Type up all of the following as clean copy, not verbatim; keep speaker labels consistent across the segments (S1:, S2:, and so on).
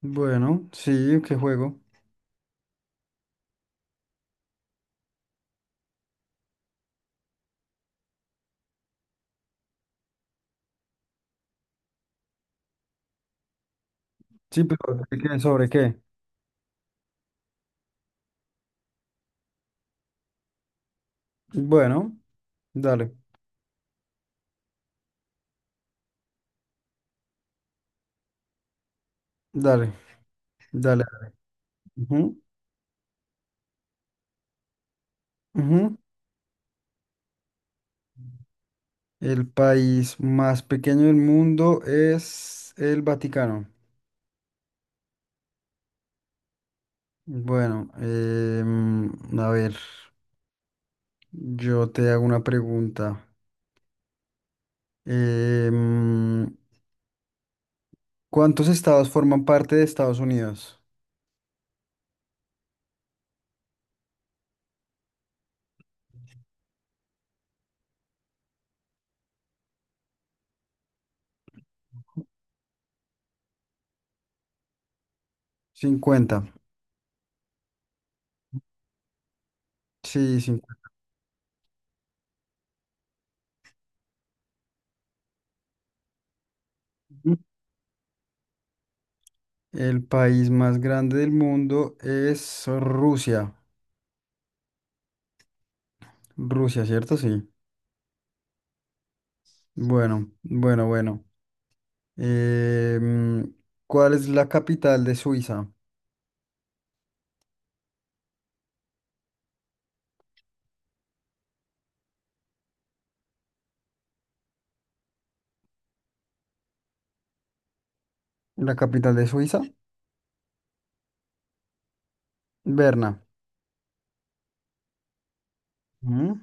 S1: Bueno, sí, qué juego. Sí, pero ¿de qué? ¿Sobre qué? Bueno, dale, dale, dale. Ujú, ujú. El país más pequeño del mundo es el Vaticano. Bueno, a ver, yo te hago una pregunta. Em, ¿Cuántos estados forman parte de Estados Unidos? 50. Sí, 50. El país más grande del mundo es Rusia. Rusia, ¿cierto? Sí. Bueno, bueno, bueno. Eh, mm, ¿Cuál es la capital de Suiza? La capital de Suiza, Berna. Ujú.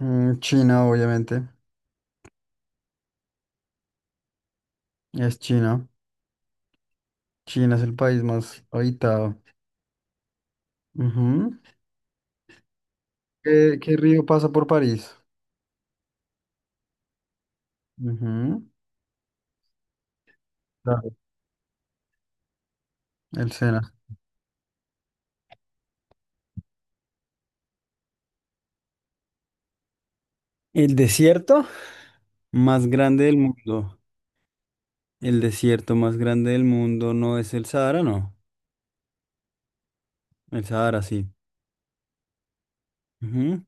S1: China, obviamente. Es China. China es el país más habitado. Ujú. ¿Qué río pasa por París? Ujú. Claro, el Sena. El desierto más grande del mundo. El desierto más grande del mundo no es el Sahara, no. El Sahara, sí. Ujú.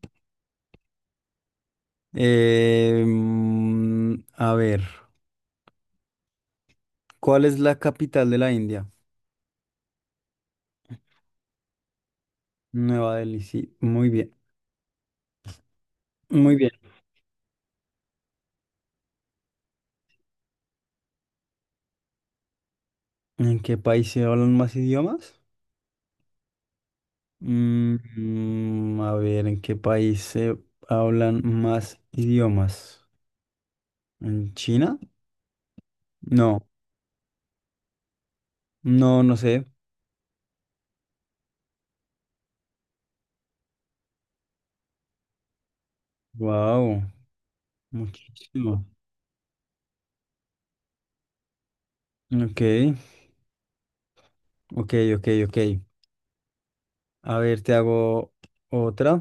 S1: A ver, ¿cuál es la capital de la India? Nueva Delhi, sí, muy bien, muy bien. ¿En qué país se hablan más idiomas? A ver, ¿en qué país se hablan más idiomas? ¿En China? No, no, no sé. Wow, muchísimo. Ok, ok, ok, ok. A ver, te hago otra.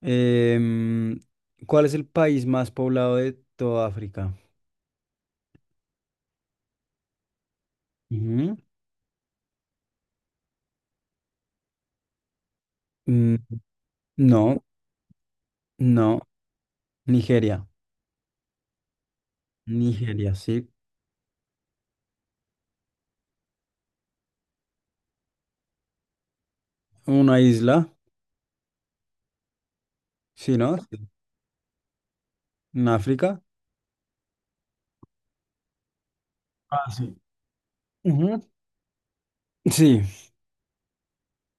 S1: Em, ¿Cuál es el país más poblado de toda África? Ujú. Mm, No, no, Nigeria. Nigeria, sí. Una isla, sí, ¿no? Sí. En África. Ah, sí. Ujú. Sí,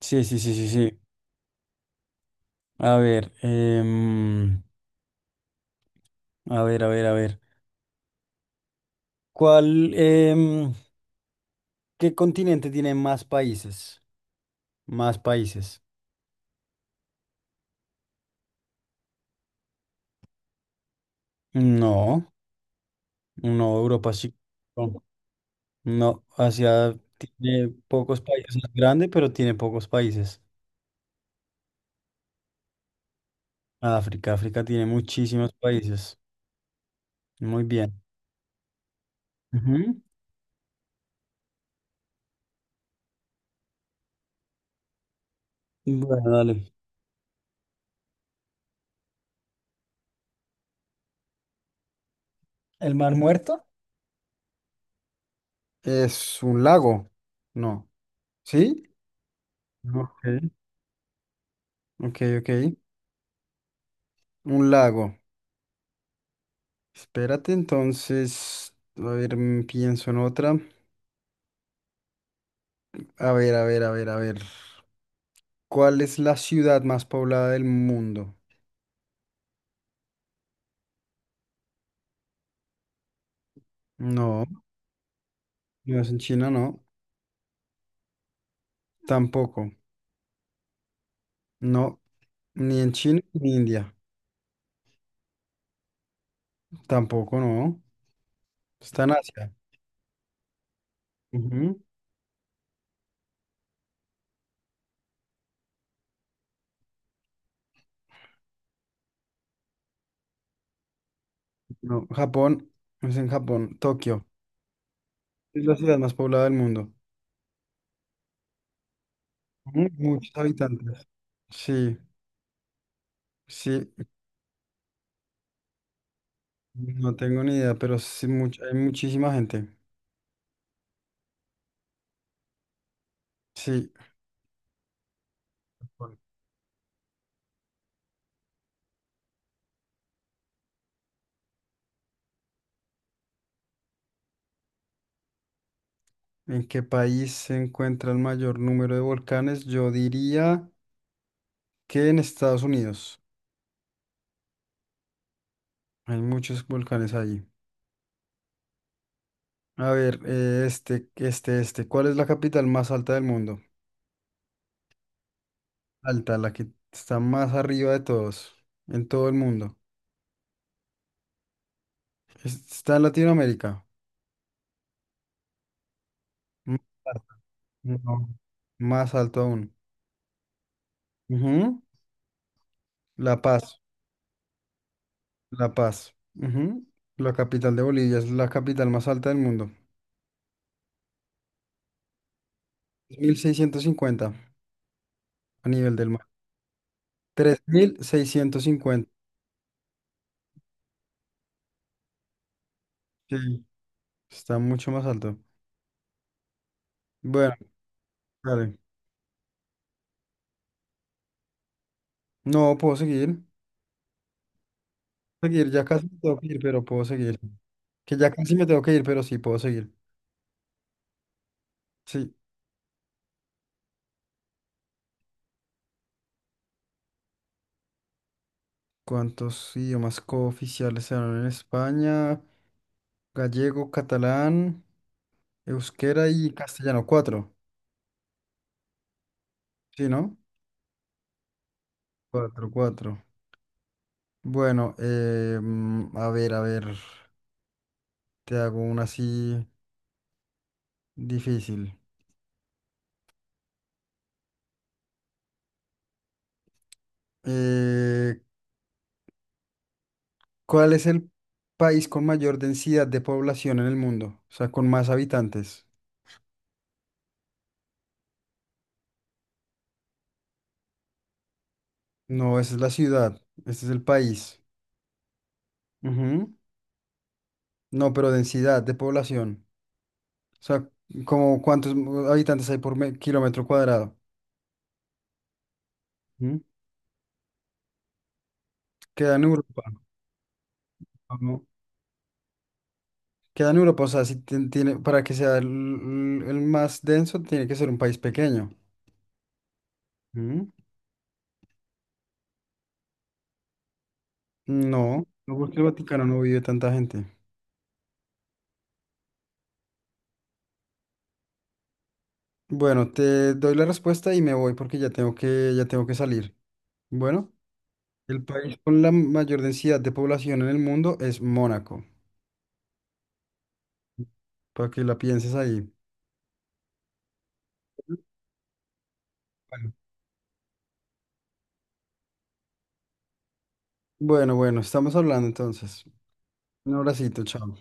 S1: sí, sí, sí, sí, sí. A ver, a ver, a ver, a ver. ¿Cuál, em, ¿Qué continente tiene más países? Más países. No, no, Europa sí. No, no, Asia tiene pocos países, es grande, pero tiene pocos países. África, África tiene muchísimos países. Muy bien. Ujú. Bueno, dale. ¿El Mar Muerto? Es un lago. No. ¿Sí? Ok. Ok, ok. Un lago. Espérate, entonces. A ver, pienso en otra. A ver, a ver, a ver, a ver. ¿Cuál es la ciudad más poblada del mundo? No, no es en China, no. Tampoco. No, ni en China ni en India. Tampoco, no. Está en Asia. Ujú. No, Japón. No es en Japón. Tokio. Es la ciudad más poblada del mundo. Ujú. Muchos habitantes. Sí, sí, no tengo ni idea, pero sí, hay muchísima gente. Sí. ¿En qué país se encuentra el mayor número de volcanes? Yo diría que en Estados Unidos. Hay muchos volcanes allí. A ver, este, este, este. ¿Cuál es la capital más alta del mundo? Alta, la que está más arriba de todos, en todo el mundo. Está en Latinoamérica. Más alta. No, más alto aún. Ujú, La Paz, La Paz. Ujú, la capital de Bolivia es la capital más alta del mundo. Mil seiscientos cincuenta a nivel del mar. 3650. Sí, está mucho más alto. Bueno, vale. No, puedo seguir. Seguir, ya casi me tengo que ir, pero puedo seguir. Que ya casi me tengo que ir, pero sí, puedo seguir. Sí. ¿Cuántos idiomas cooficiales se hablan en España? Gallego, catalán, euskera y castellano. Cuatro. Sí, ¿no? Cuatro, cuatro. Bueno, a ver, te hago una así difícil. Eh, ¿Cuál es el país con mayor densidad de población en el mundo? O sea, con más habitantes. No, esa es la ciudad, este es el país. Ujú. No, pero densidad de población. O sea, como cuántos habitantes hay por kilómetro cuadrado. Ujú. Queda en Europa. ¿No? Queda en Europa, o sea, si tiene, para que sea el más denso, tiene que ser un país pequeño. No, no porque el Vaticano no vive tanta gente. Bueno, te doy la respuesta y me voy porque ya tengo que salir. Bueno, el país con la mayor densidad de población en el mundo es Mónaco, para que la pienses ahí. Bueno, bueno, bueno, estamos hablando entonces. Un abracito, chao.